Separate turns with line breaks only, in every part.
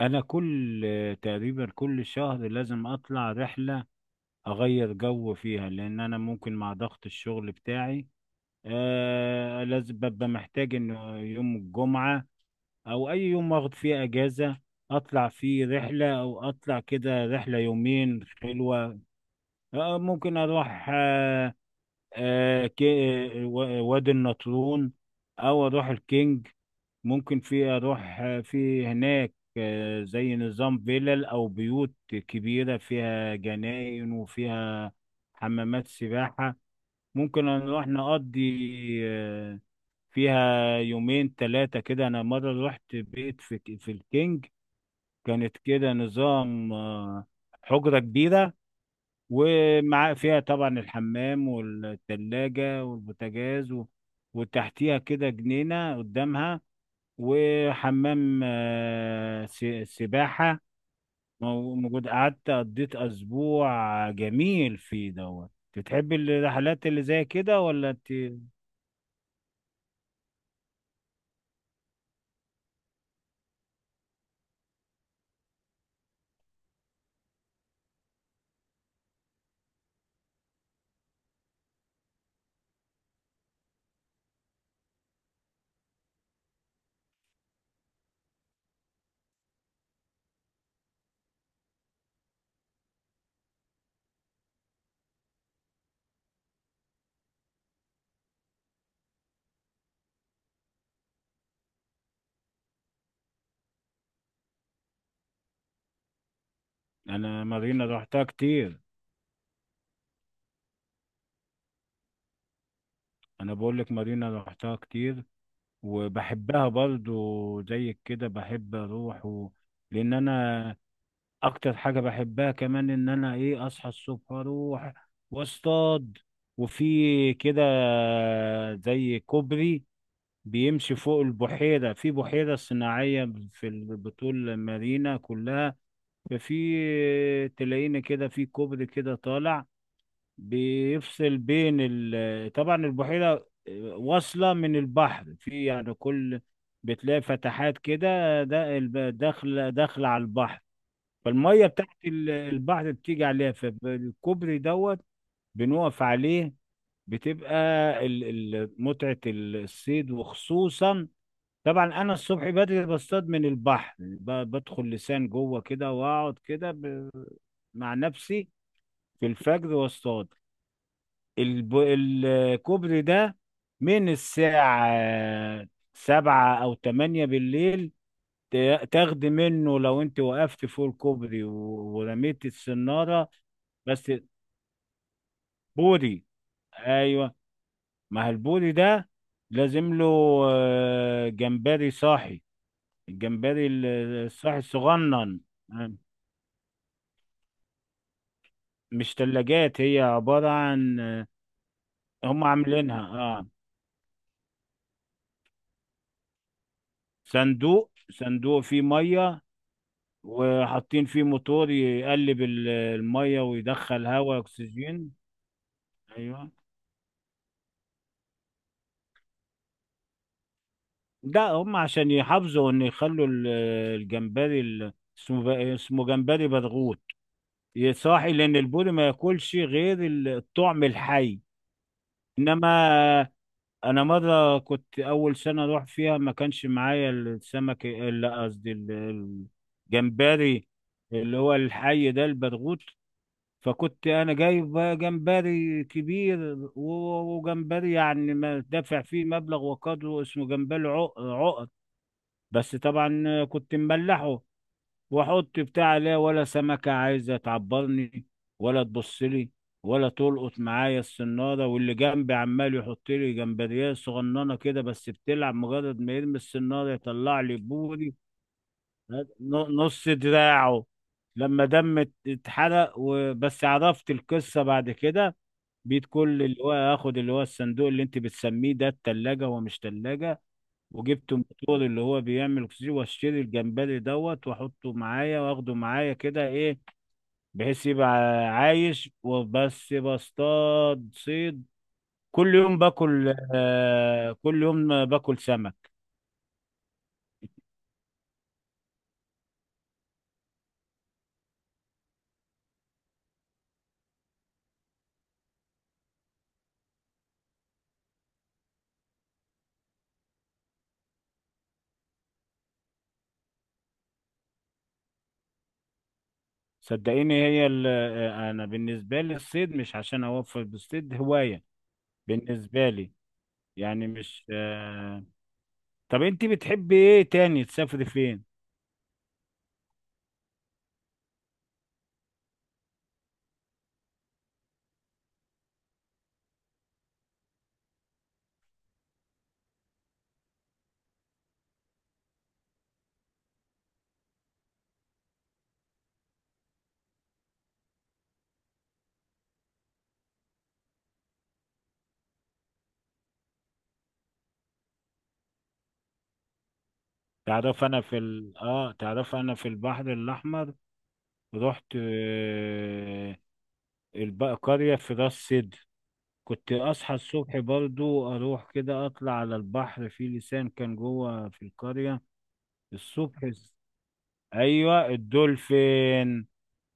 انا تقريبا كل شهر لازم اطلع رحلة، اغير جو فيها لان انا ممكن مع ضغط الشغل بتاعي لازم ببقى محتاج ان يوم الجمعة او اي يوم اخد فيه اجازة اطلع فيه رحلة، او اطلع كده رحلة يومين حلوة. ممكن اروح وادي النطرون او اروح الكينج. ممكن اروح في هناك زي نظام فيلل او بيوت كبيره فيها جناين وفيها حمامات سباحه، ممكن نروح نقضي آه، فيها يومين ثلاثه كده. انا مره رحت بيت في الكينج، كانت كده نظام حجره كبيره، ومع فيها طبعا الحمام والثلاجه والبوتاجاز وتحتيها كده جنينه قدامها، وحمام سباحة موجود. قعدت قضيت أسبوع جميل فيه دوت. بتحبي الرحلات اللي زي كده ولا انت؟ انا مارينا روحتها كتير. انا بقول لك مارينا روحتها كتير، وبحبها برضو زي كده، بحب اروح لان انا اكتر حاجة بحبها كمان ان انا ايه اصحى الصبح اروح واصطاد، وفي كده زي كوبري بيمشي فوق البحيرة، في بحيرة صناعية بطول المارينا كلها. ففي، تلاقينا كده في كوبري كده طالع بيفصل بين طبعا البحيرة واصلة من البحر، في يعني كل بتلاقي فتحات كده، ده داخلة داخلة على البحر، فالمية بتاعت البحر بتيجي عليها، فالكوبري دوت بنقف عليه، بتبقى ال- متعة الصيد. وخصوصا طبعا انا الصبح بدري بصطاد من البحر، بدخل لسان جوه كده واقعد كده مع نفسي في الفجر واصطاد. الكوبري ده من الساعة 7 أو 8 بالليل، تاخدي منه لو أنت وقفت فوق الكوبري ورميت السنارة. بس بوري. أيوه، ما هو البوري ده لازم له جمبري صاحي، الجمبري الصاحي الصغنن. مش تلاجات، هي عبارة عن، هم عاملينها اه صندوق، صندوق فيه مية، وحاطين فيه موتور يقلب المية ويدخل هواء أكسجين. أيوه، ده هم عشان يحافظوا إن يخلوا الجمبري، اسمه جمبري برغوت يصاحي، لأن البوري ما ياكلش غير الطعم الحي. إنما انا مره كنت اول سنه اروح فيها ما كانش معايا السمك، لا قصدي الجمبري، اللي هو الحي ده البرغوث. فكنت انا جايب بقى جمبري كبير وجمبري، يعني ما دافع فيه مبلغ وقدره، اسمه جمبري عقد، بس طبعا كنت مملحه. واحط بتاع، لا ولا سمكة عايزة تعبرني، ولا تبص لي، ولا تلقط معايا الصنارة. واللي جنبي عمال يحط لي جمبريه صغننة كده بس بتلعب، مجرد ما يرمي الصنارة يطلع لي بوري ن- نص دراعه. لما دم اتحرق وبس عرفت القصة بعد كده. بيت كل اللي هو اخد، اللي هو الصندوق اللي انت بتسميه ده التلاجة هو مش تلاجة، وجبت موتور اللي هو بيعمل اكسجين، واشتري الجمبري دوت واحطه معايا واخده معايا كده ايه، بحيث يبقى عايش. وبس بصطاد صيد، كل يوم باكل سمك. صدقيني، هي ال- آه، انا بالنسبه لي الصيد مش عشان اوفر، بالصيد هوايه بالنسبه لي، يعني مش طب انت بتحبي ايه تاني؟ تسافري فين؟ تعرف انا في ال... اه تعرف انا في البحر الاحمر رحت قرية في راس سدر، كنت أصحى الصبح برضو أروح كده أطلع على البحر، في لسان كان جوه في القرية الصبح، أيوة، الدولفين.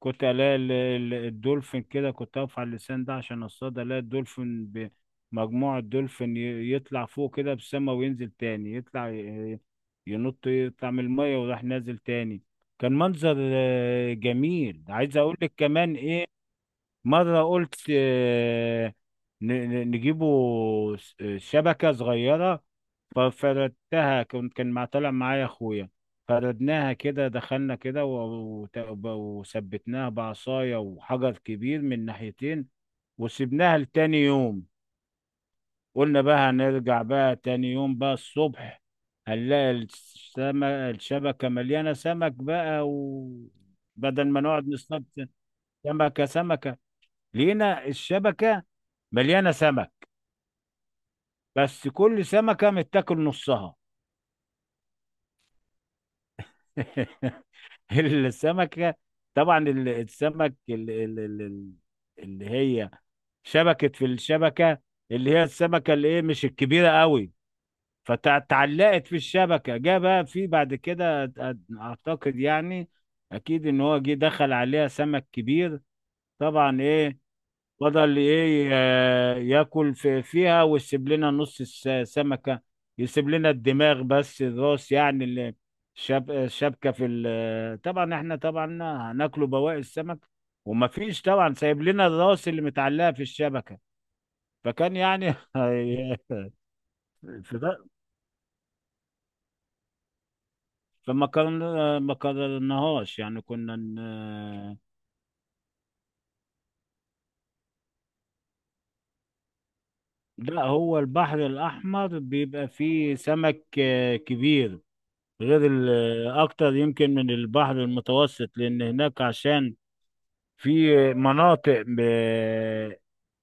كنت ألاقي الدولفين كده، كنت أقف على اللسان ده عشان أصطاد، ألاقي الدولفين مجموعة دولفين يطلع فوق كده بالسما وينزل تاني، يطلع ينط، يطلع من المية وراح نازل تاني. كان منظر جميل. عايز اقول لك كمان ايه، مرة قلت نجيبه شبكة صغيرة، ففردتها. كنت كان مع طالع معايا أخويا، فردناها كده، دخلنا كده وثبتناها بعصاية وحجر كبير من ناحيتين، وسبناها لتاني يوم، قلنا بقى هنرجع بقى تاني يوم بقى الصبح هنلاقي السمك، الشبكة مليانة سمك بقى، وبدل ما نقعد نصطاد سمكة سمكة، لقينا الشبكة مليانة سمك، بس كل سمكة متاكل نصها. السمكة، طبعا السمك اللي هي شبكت في الشبكة، اللي هي السمكة اللي ايه، مش الكبيرة قوي، فتعلقت في الشبكة، جه بقى في بعد كده اعتقد يعني اكيد ان هو جه دخل عليها سمك كبير. طبعا ايه، فضل ايه ياكل فيها ويسيب لنا نص السمكة، يسيب لنا الدماغ بس، الراس يعني اللي شاب الشبكة طبعا، احنا طبعا هناكله بواقي السمك، ومفيش طبعا سايب لنا الراس اللي متعلقة في الشبكة، فكان يعني هي- فده- فما كان، ما قررناهاش، يعني كنا لا، هو البحر الأحمر بيبقى فيه سمك كبير، غير اكتر يمكن من البحر المتوسط، لان هناك عشان في مناطق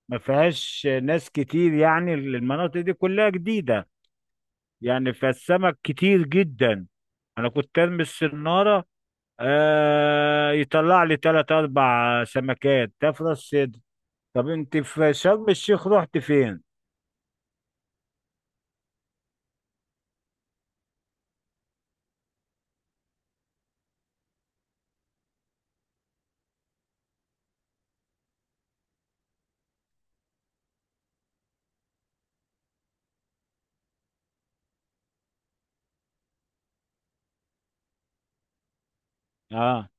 ما فيهاش ناس كتير، يعني المناطق دي كلها جديدة، يعني فالسمك كتير جدا. انا كنت ارمي السنارة، يطلع لي تلات اربع سمكات تفرس صدر. طب انت في شرم الشيخ رحت فين؟ اه،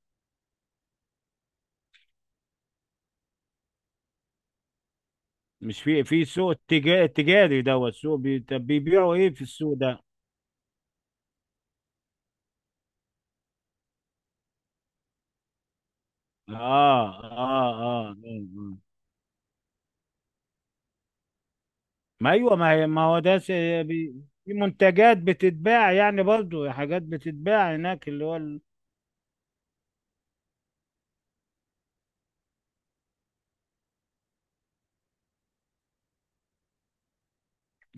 مش في سوق تجاري دوت، سوق طب بيبيعوا ايه في السوق ده؟ اه اه اه آه، آه. ما ايوه، ما هي، ما هو ده بي- في منتجات بتتباع، يعني برضو حاجات بتتباع هناك، اللي هو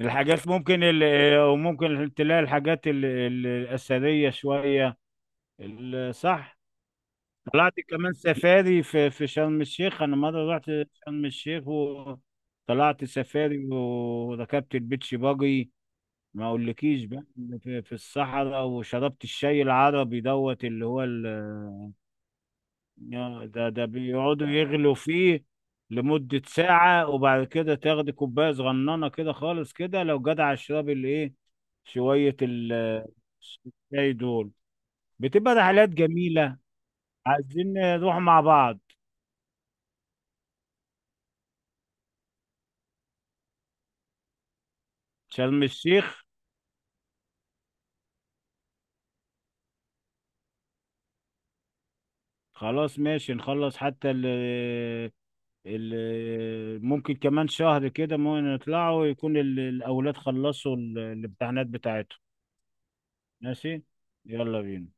الحاجات، ممكن وممكن تلاقي الحاجات الأثرية شوية صح. طلعت كمان سفاري في شرم الشيخ، انا مرة رحت شرم الشيخ وطلعت سفاري وركبت البيتش باجي، ما اقولكيش بقى، في الصحراء، وشربت الشاي العربي دوت اللي هو ال يا ده ده بيقعدوا يغلوا فيه لمدة ساعة، وبعد كده تاخدي كوباية صغننة كده خالص كده لو جدع اشربي الايه شوية الشاي دول، بتبقى رحلات جميلة. عايزين نروح مع بعض، شرم الشيخ. خلاص ماشي نخلص، حتى ال ال ممكن كمان شهر كده ممكن نطلعوا، يكون الأولاد خلصوا الامتحانات بتاعتهم. ماشي، يلا بينا.